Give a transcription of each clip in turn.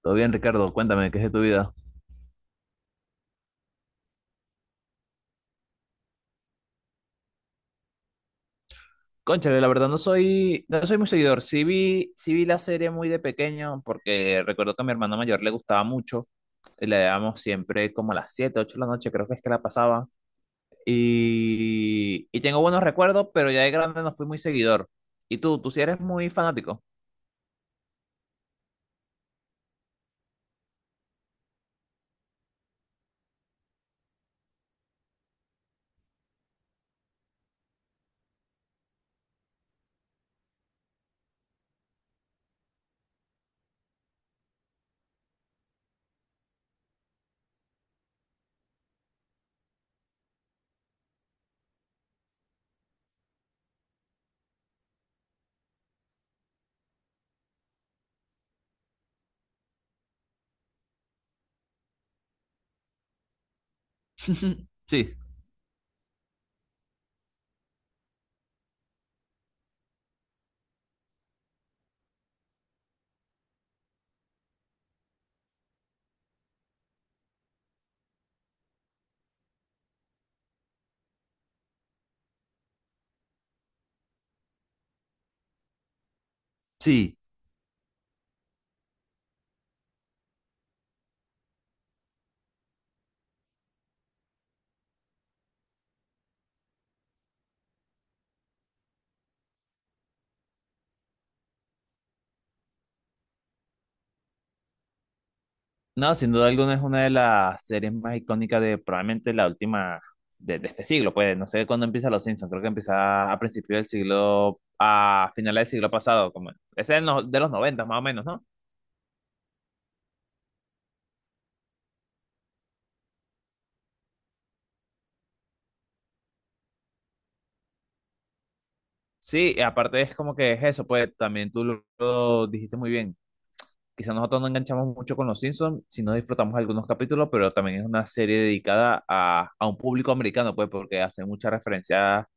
Todo bien, Ricardo, cuéntame, ¿qué es de tu vida? Cónchale, la verdad no soy muy seguidor. Sí vi la serie muy de pequeño, porque recuerdo que a mi hermano mayor le gustaba mucho. Y la dábamos siempre como a las 7, 8 de la noche, creo que es que la pasaba. Y tengo buenos recuerdos, pero ya de grande no fui muy seguidor. ¿Y tú? ¿Tú sí eres muy fanático? Sí, sí. No, sin duda alguna es una de las series más icónicas de probablemente la última de este siglo, pues no sé cuándo empieza Los Simpsons, creo que empieza a principios del siglo, a finales del siglo pasado, como ese es no- de los 90 más o menos, ¿no? Sí, y aparte es como que es eso, pues también tú lo dijiste muy bien. Quizás nosotros no enganchamos mucho con Los Simpsons, si no disfrutamos algunos capítulos, pero también es una serie dedicada a un público americano, pues porque hace mucha referencia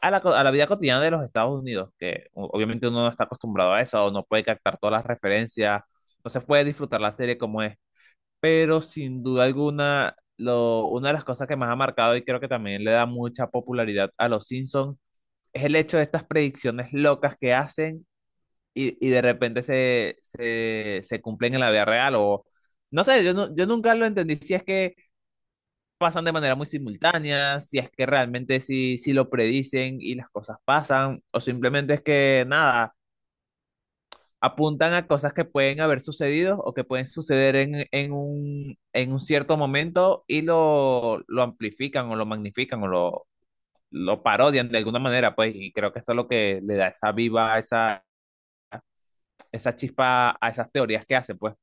a a la vida cotidiana de los Estados Unidos, que obviamente uno no está acostumbrado a eso, o no puede captar todas las referencias, no se puede disfrutar la serie como es, pero sin duda alguna, una de las cosas que más ha marcado y creo que también le da mucha popularidad a los Simpsons es el hecho de estas predicciones locas que hacen. Y de repente se cumplen en la vida real o no sé, yo nunca lo entendí si es que pasan de manera muy simultánea, si es que realmente sí lo predicen y las cosas pasan, o simplemente es que nada, apuntan a cosas que pueden haber sucedido o que pueden suceder en, en un cierto momento y lo amplifican o lo magnifican o lo parodian de alguna manera, pues, y creo que esto es lo que le da esa viva, esa chispa a esas teorías que hacen, pues.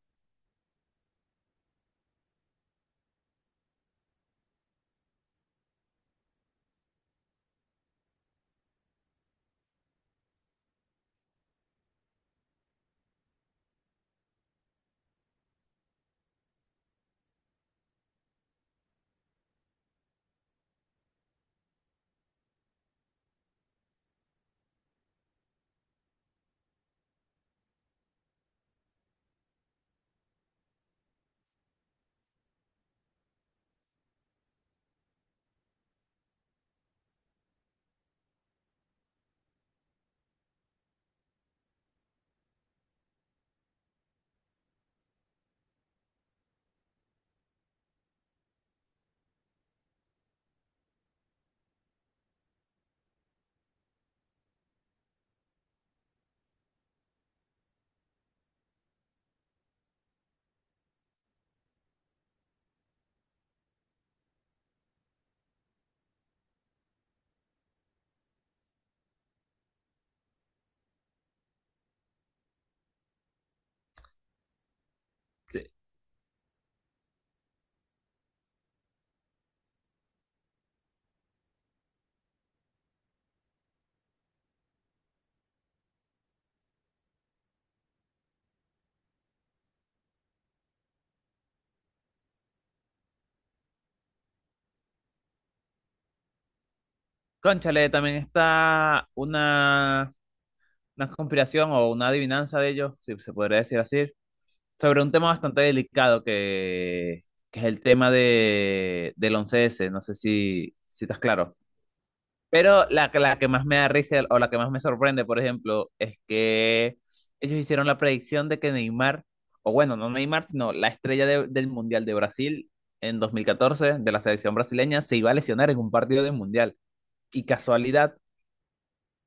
Sí. Cónchale, también está una conspiración o una adivinanza de ellos, si se podría decir así, sobre un tema bastante delicado que es el tema del 11S, no sé si, si estás claro. Pero la que más me da risa o la que más me sorprende, por ejemplo, es que ellos hicieron la predicción de que Neymar, o bueno, no Neymar, sino la estrella del Mundial de Brasil en 2014, de la selección brasileña, se iba a lesionar en un partido del Mundial. Y casualidad,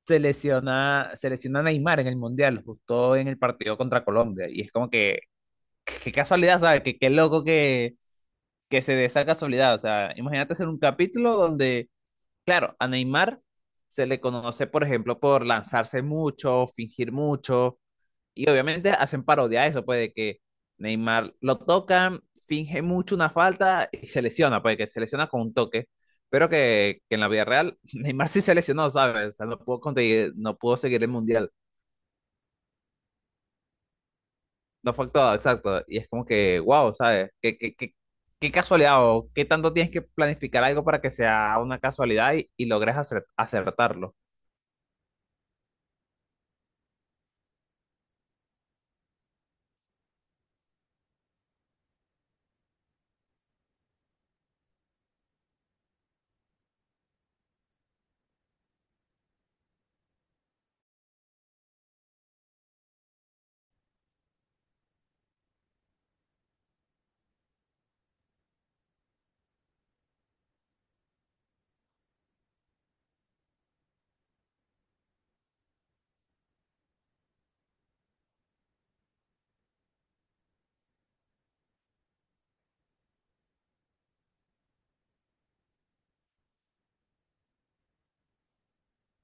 se lesiona Neymar en el Mundial, justo en el partido contra Colombia. Y es como que qué casualidad, ¿sabes? Qué loco que se dé esa casualidad. O sea, imagínate hacer un capítulo donde, claro, a Neymar se le conoce, por ejemplo, por lanzarse mucho, fingir mucho, y obviamente hacen parodia a eso, pues de que Neymar lo tocan, finge mucho una falta y se lesiona, pues que se lesiona con un toque, pero que en la vida real Neymar sí se lesionó, ¿sabes? O sea, no pudo conseguir, no pudo seguir el mundial. No fue actuado, exacto. Y es como que, wow, ¿sabes? ¿ qué casualidad o qué tanto tienes que planificar algo para que sea una casualidad y logres acertarlo?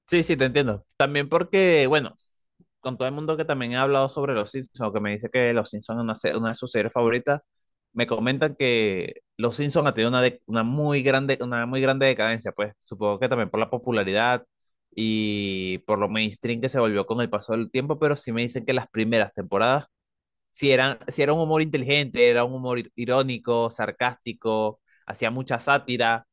Sí, sí, te entiendo. También porque, bueno, con todo el mundo que también ha hablado sobre Los Simpsons, o que me dice que Los Simpsons es una de sus series favoritas, me comentan que Los Simpsons ha tenido una muy grande decadencia, pues supongo que también por la popularidad y por lo mainstream que se volvió con el paso del tiempo, pero sí me dicen que las primeras temporadas si era un humor inteligente, era un humor irónico, sarcástico, hacía mucha sátira,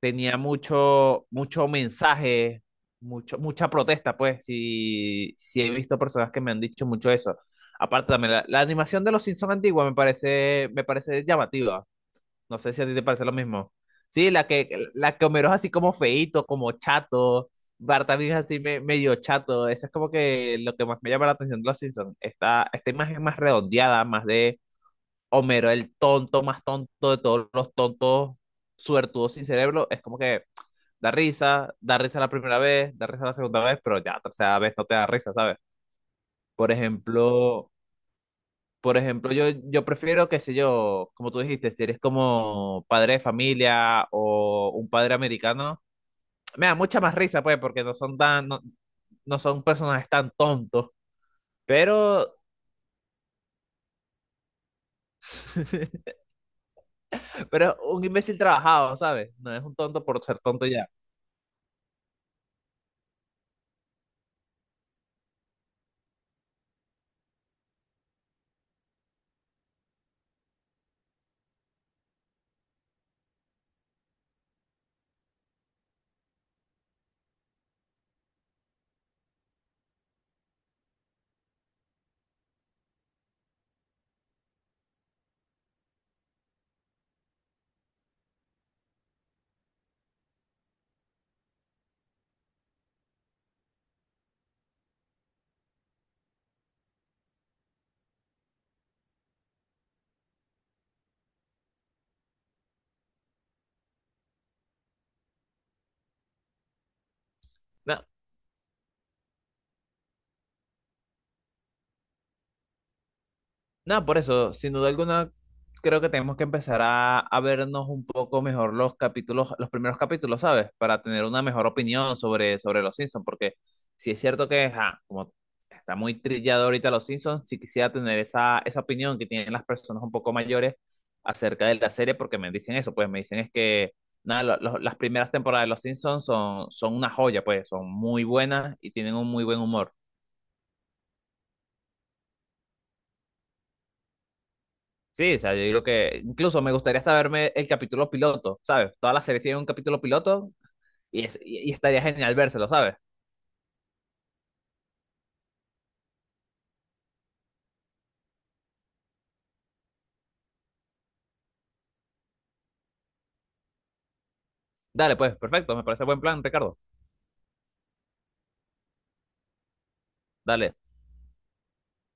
tenía mucho mensaje, mucha protesta, pues, si he visto personas que me han dicho mucho eso. Aparte también, la animación de los Simpsons antigua me parece llamativa. No sé si a ti te parece lo mismo. Sí, la que Homero es así como feíto, como chato. Bart también es así medio chato. Eso es como que lo que más me llama la atención de los Simpsons. Esta imagen más redondeada, más de Homero, el tonto más tonto de todos los tontos suertudos sin cerebro. Es como que da risa la primera vez, da risa la segunda vez, pero ya la tercera vez no te da risa, ¿sabes? Por ejemplo, por ejemplo, yo prefiero, qué sé yo, como tú dijiste, si eres como padre de familia o un padre americano, me da mucha más risa, pues, porque no son tan, no, no son personajes tan tontos, pero, pero es un imbécil trabajado, ¿sabes? No es un tonto por ser tonto ya. No, no, por eso, sin duda alguna, creo que tenemos que empezar a vernos un poco mejor los capítulos, los primeros capítulos, ¿sabes? Para tener una mejor opinión sobre, sobre los Simpsons, porque si es cierto que, ajá, como está muy trillado ahorita los Simpsons, sí quisiera tener esa, esa opinión que tienen las personas un poco mayores acerca de la serie, porque me dicen eso, pues me dicen es que, nada, las primeras temporadas de los Simpsons son, son una joya, pues son muy buenas y tienen un muy buen humor. Sí, o sea, yo digo que incluso me gustaría hasta verme el capítulo piloto, ¿sabes? Todas las series tienen un capítulo piloto y estaría genial vérselo, ¿sabes? Dale, pues, perfecto, me parece buen plan, Ricardo. Dale.